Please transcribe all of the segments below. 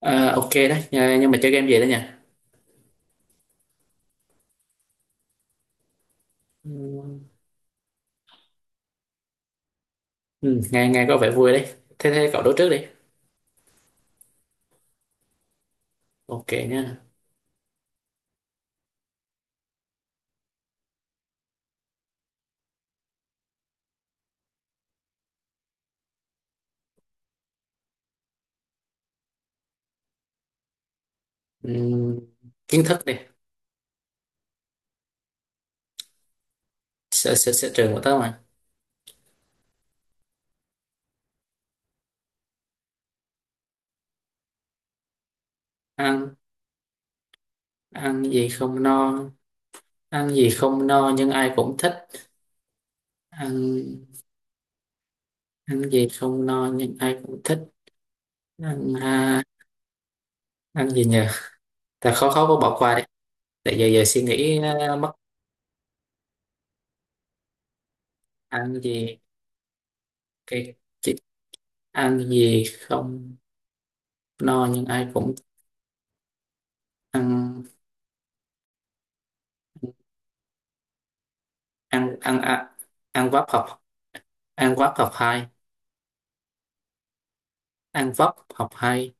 Ờ, ok đấy. Nhưng mà chơi game gì đấy nhỉ? Ừ, nghe nghe có vẻ vui đấy. Thế thế cậu đố trước đi. Ok nhá. Ừ, kiến thức đi. Sở trường của tớ mà. Ăn? Ăn gì không no? Ăn gì không no nhưng ai cũng thích? Ăn. Ăn gì không no nhưng ai cũng thích? Ăn à, ăn gì nhỉ? Ta khó khó, bỏ qua đi. Tại giờ giờ suy nghĩ. Ờ, mất. Ăn gì? Cái chị- ăn gì không no nhưng ai cũng. Ăn ăn ăn ăn ăn vấp học. Ăn vấp học hai. Ăn vấp học hai.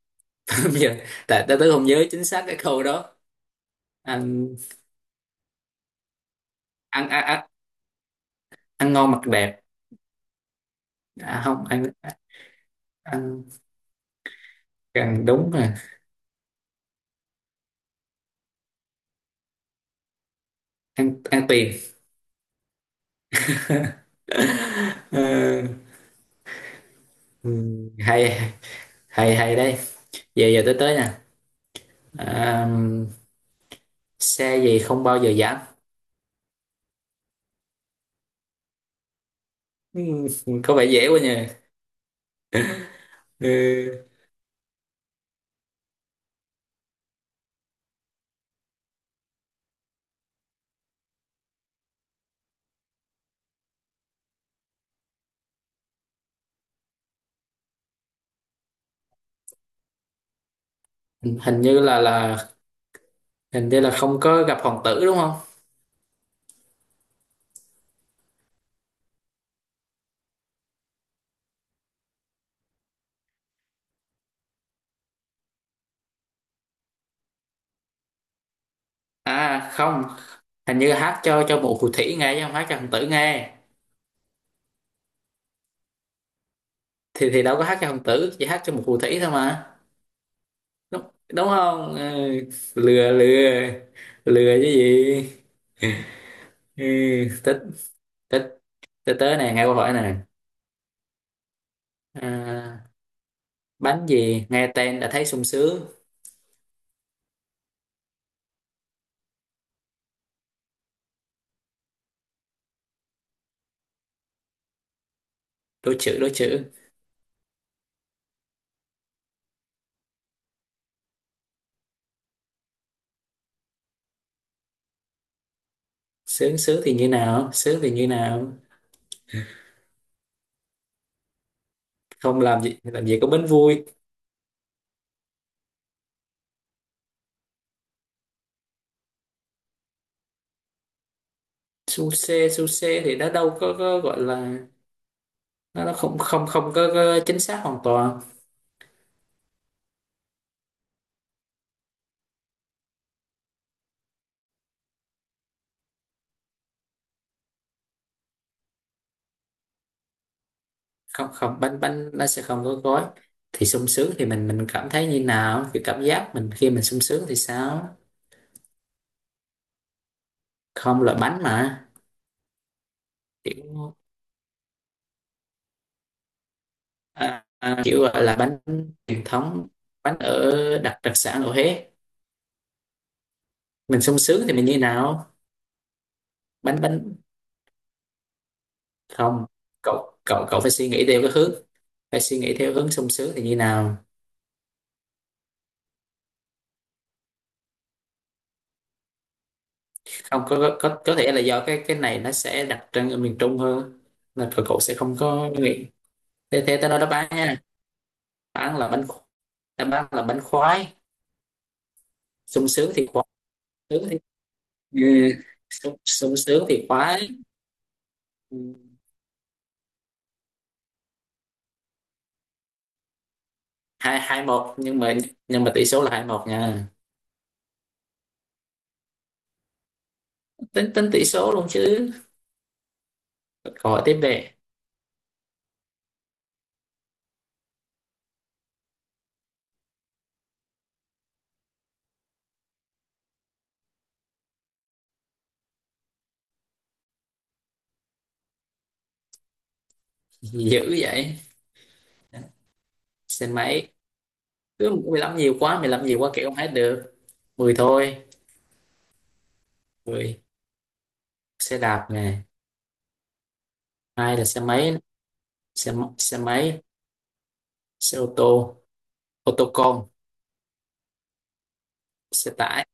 Bây giờ tại tao tớ không nhớ chính xác cái câu đó. Ăn ăn ăn ăn ăn ngon mặc đẹp. À, không ăn. Ăn gần đúng rồi. Ăn, ăn tiền. Ờ, ừ, hay. Hay đây. Giờ giờ tới tới nè. À, xe gì không bao giờ giảm? Ừ, có vẻ dễ quá nhỉ. Ừ, hình hình như là hình như là không có gặp hoàng tử, đúng không? À không, hình như hát cho một phù thủy nghe chứ không hát cho hoàng tử nghe. Thì đâu có hát cho hoàng tử, chỉ hát cho một phù thủy thôi mà. Đúng, đúng không? Ừ, lừa. Lừa, lừa chứ gì. Ừ, tích. Tích. Tới tới này, nghe câu hỏi này. À, bánh gì nghe tên đã thấy sung sướng? Đố chữ, đố chữ. Sướng, sướng thì như nào? Sướng thì như nào? Không làm gì, làm gì có bánh vui. Su xê, su xê thì nó đâu có gọi là. Nó không không không có, có chính xác hoàn toàn. Không không, bánh, bánh nó sẽ không có gói. Thì sung sướng thì mình cảm thấy như nào? Cái cảm giác mình khi mình sung sướng thì sao? Không, là bánh mà. Kiểu à, à, kiểu gọi là bánh truyền thống, bánh ở, đặc đặc sản ở Huế. Mình sung sướng thì mình như nào? Bánh bánh Không, cậu cậu cậu phải suy nghĩ theo cái hướng, phải suy nghĩ theo hướng sung sướng thì như nào. Không có, có, có thể là do cái này nó sẽ đặc trưng ở miền Trung hơn nên cậu cậu sẽ không có nghĩ. Thế thế tao nói đáp án nha. Đáp án là bánh. Đáp án là bánh khoái. Sung sướng thì khoái. Sướng thì, ừ, sung, sung sướng thì khoái. Ừ, hai hai một, nhưng mà, nhưng mà tỷ số là hai một nha. Tính tính tỷ số luôn chứ. Câu hỏi tiếp về. Dữ vậy. Xin máy. Cứ 15 nhiều quá, 15 nhiều quá, kiểu không hết được. 10 thôi. Mười, xe đạp nè. Hai là xe máy. Xe máy, xe ô tô, ô tô con, xe tải.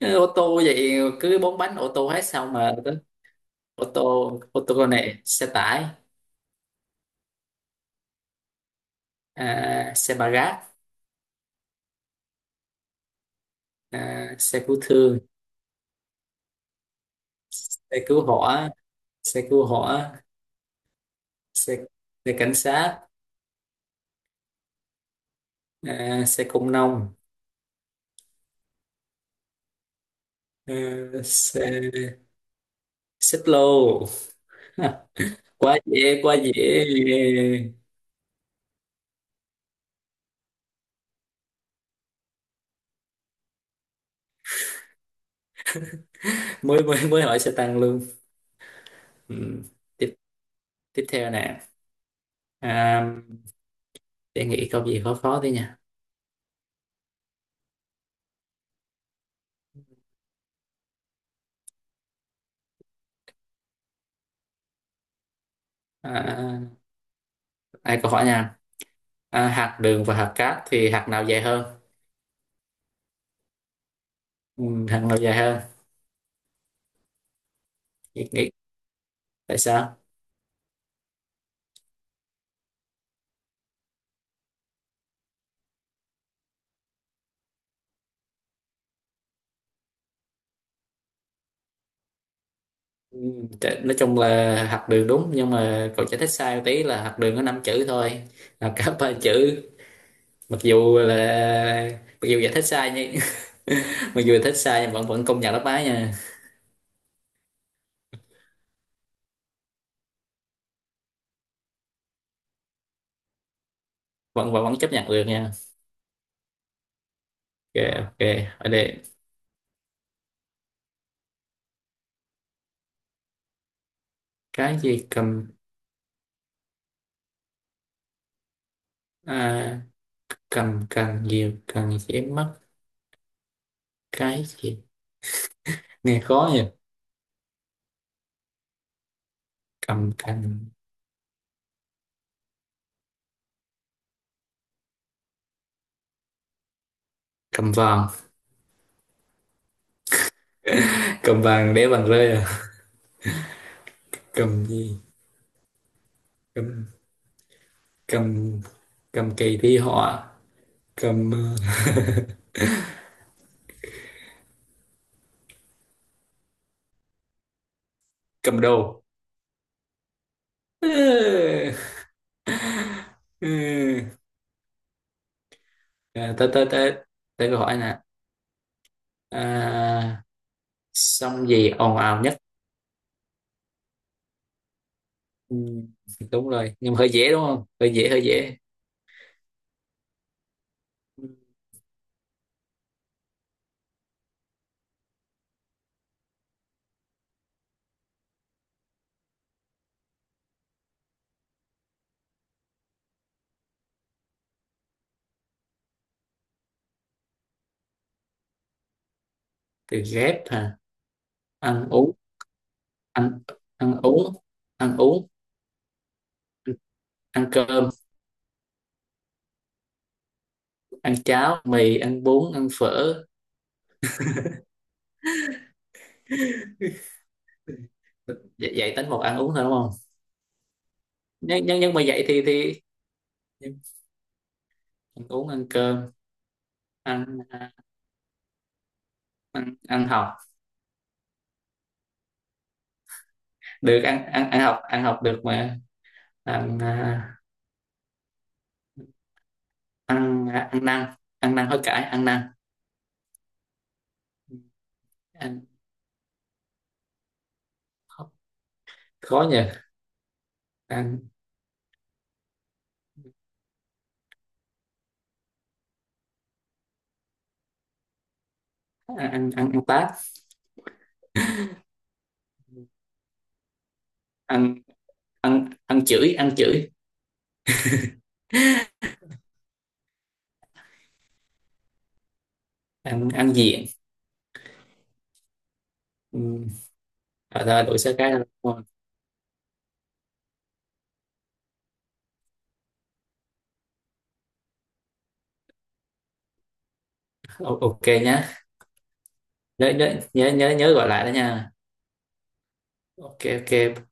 Ừ, ô tô vậy. Cứ bốn bánh ô tô hết sao mà. Ô tô, ô tô công nghệ, xe tải. À, xe ba gác. À, xe cứu thương. Xe cứu hỏa, xe cứu hỏa. Xe Xe cảnh sát. À, xe công nông. À, xe xích lô. Ha, quá dễ, quá dễ. Mới mới mới hỏi xe tăng luôn. Ừ. Tiếp, tiếp theo nè. À, để nghĩ câu gì khó khó tí nha. À, ai câu hỏi nha. À, hạt đường và hạt cát thì hạt nào dài hơn? Ừ, hạt nào dài hơn? Nghĩ, nghĩ. Tại sao? Ừ, nói chung là hạt đường đúng, nhưng mà cậu giải thích sai tí, là hạt đường có 5 chữ thôi, là cả ba chữ. Mặc dù giải thích sai nhưng, mặc dù giải thích sai nhưng vẫn vẫn công nhận đáp án nha. Vẫn vẫn vẫn chấp nhận được nha. Ok, ok. Ở đây. Cái gì cầm. À, cầm càng nhiều càng dễ mất. Cái gì? Nghe khó nhỉ. Cầm càng. Cầm vàng. Cầm vàng để vàng rơi à. Cầm gì? Cầm, cầm. Cầm kỳ thi họa. Cầm ờ, cầm đầu. Ừ. Ừ. À, tới, tới, tới, tới câu hỏi nè. À, sông gì ồn ào nhất? Ừ. Đúng rồi, nhưng mà hơi dễ đúng không, hơi dễ, hơi dễ. Từ ghép hả? Ăn uống. Ăn, ăn uống. Ăn uống, ăn cơm. Ăn cháo, mì, ăn bún, ăn phở. Dạy, dạy tính một ăn uống thôi đúng không? Nhưng, nhưng mà vậy thì ăn uống, ăn cơm. Ăn à, ăn ăn học được. Ăn ăn ăn học, ăn học được mà. Ăn à, ăn à, ăn năn. Ăn năn hối cải, ăn năn. Ăn, khó nhỉ. Ăn à, ăn ăn ăn tát. Ăn ăn ăn chửi, ăn chửi. Ăn, ăn diện. Ừ. Rồi thôi đổi số cái. Ok nhá. Nhớ nhớ nhớ nhớ nhớ gọi lại đó nha. Ok, ok.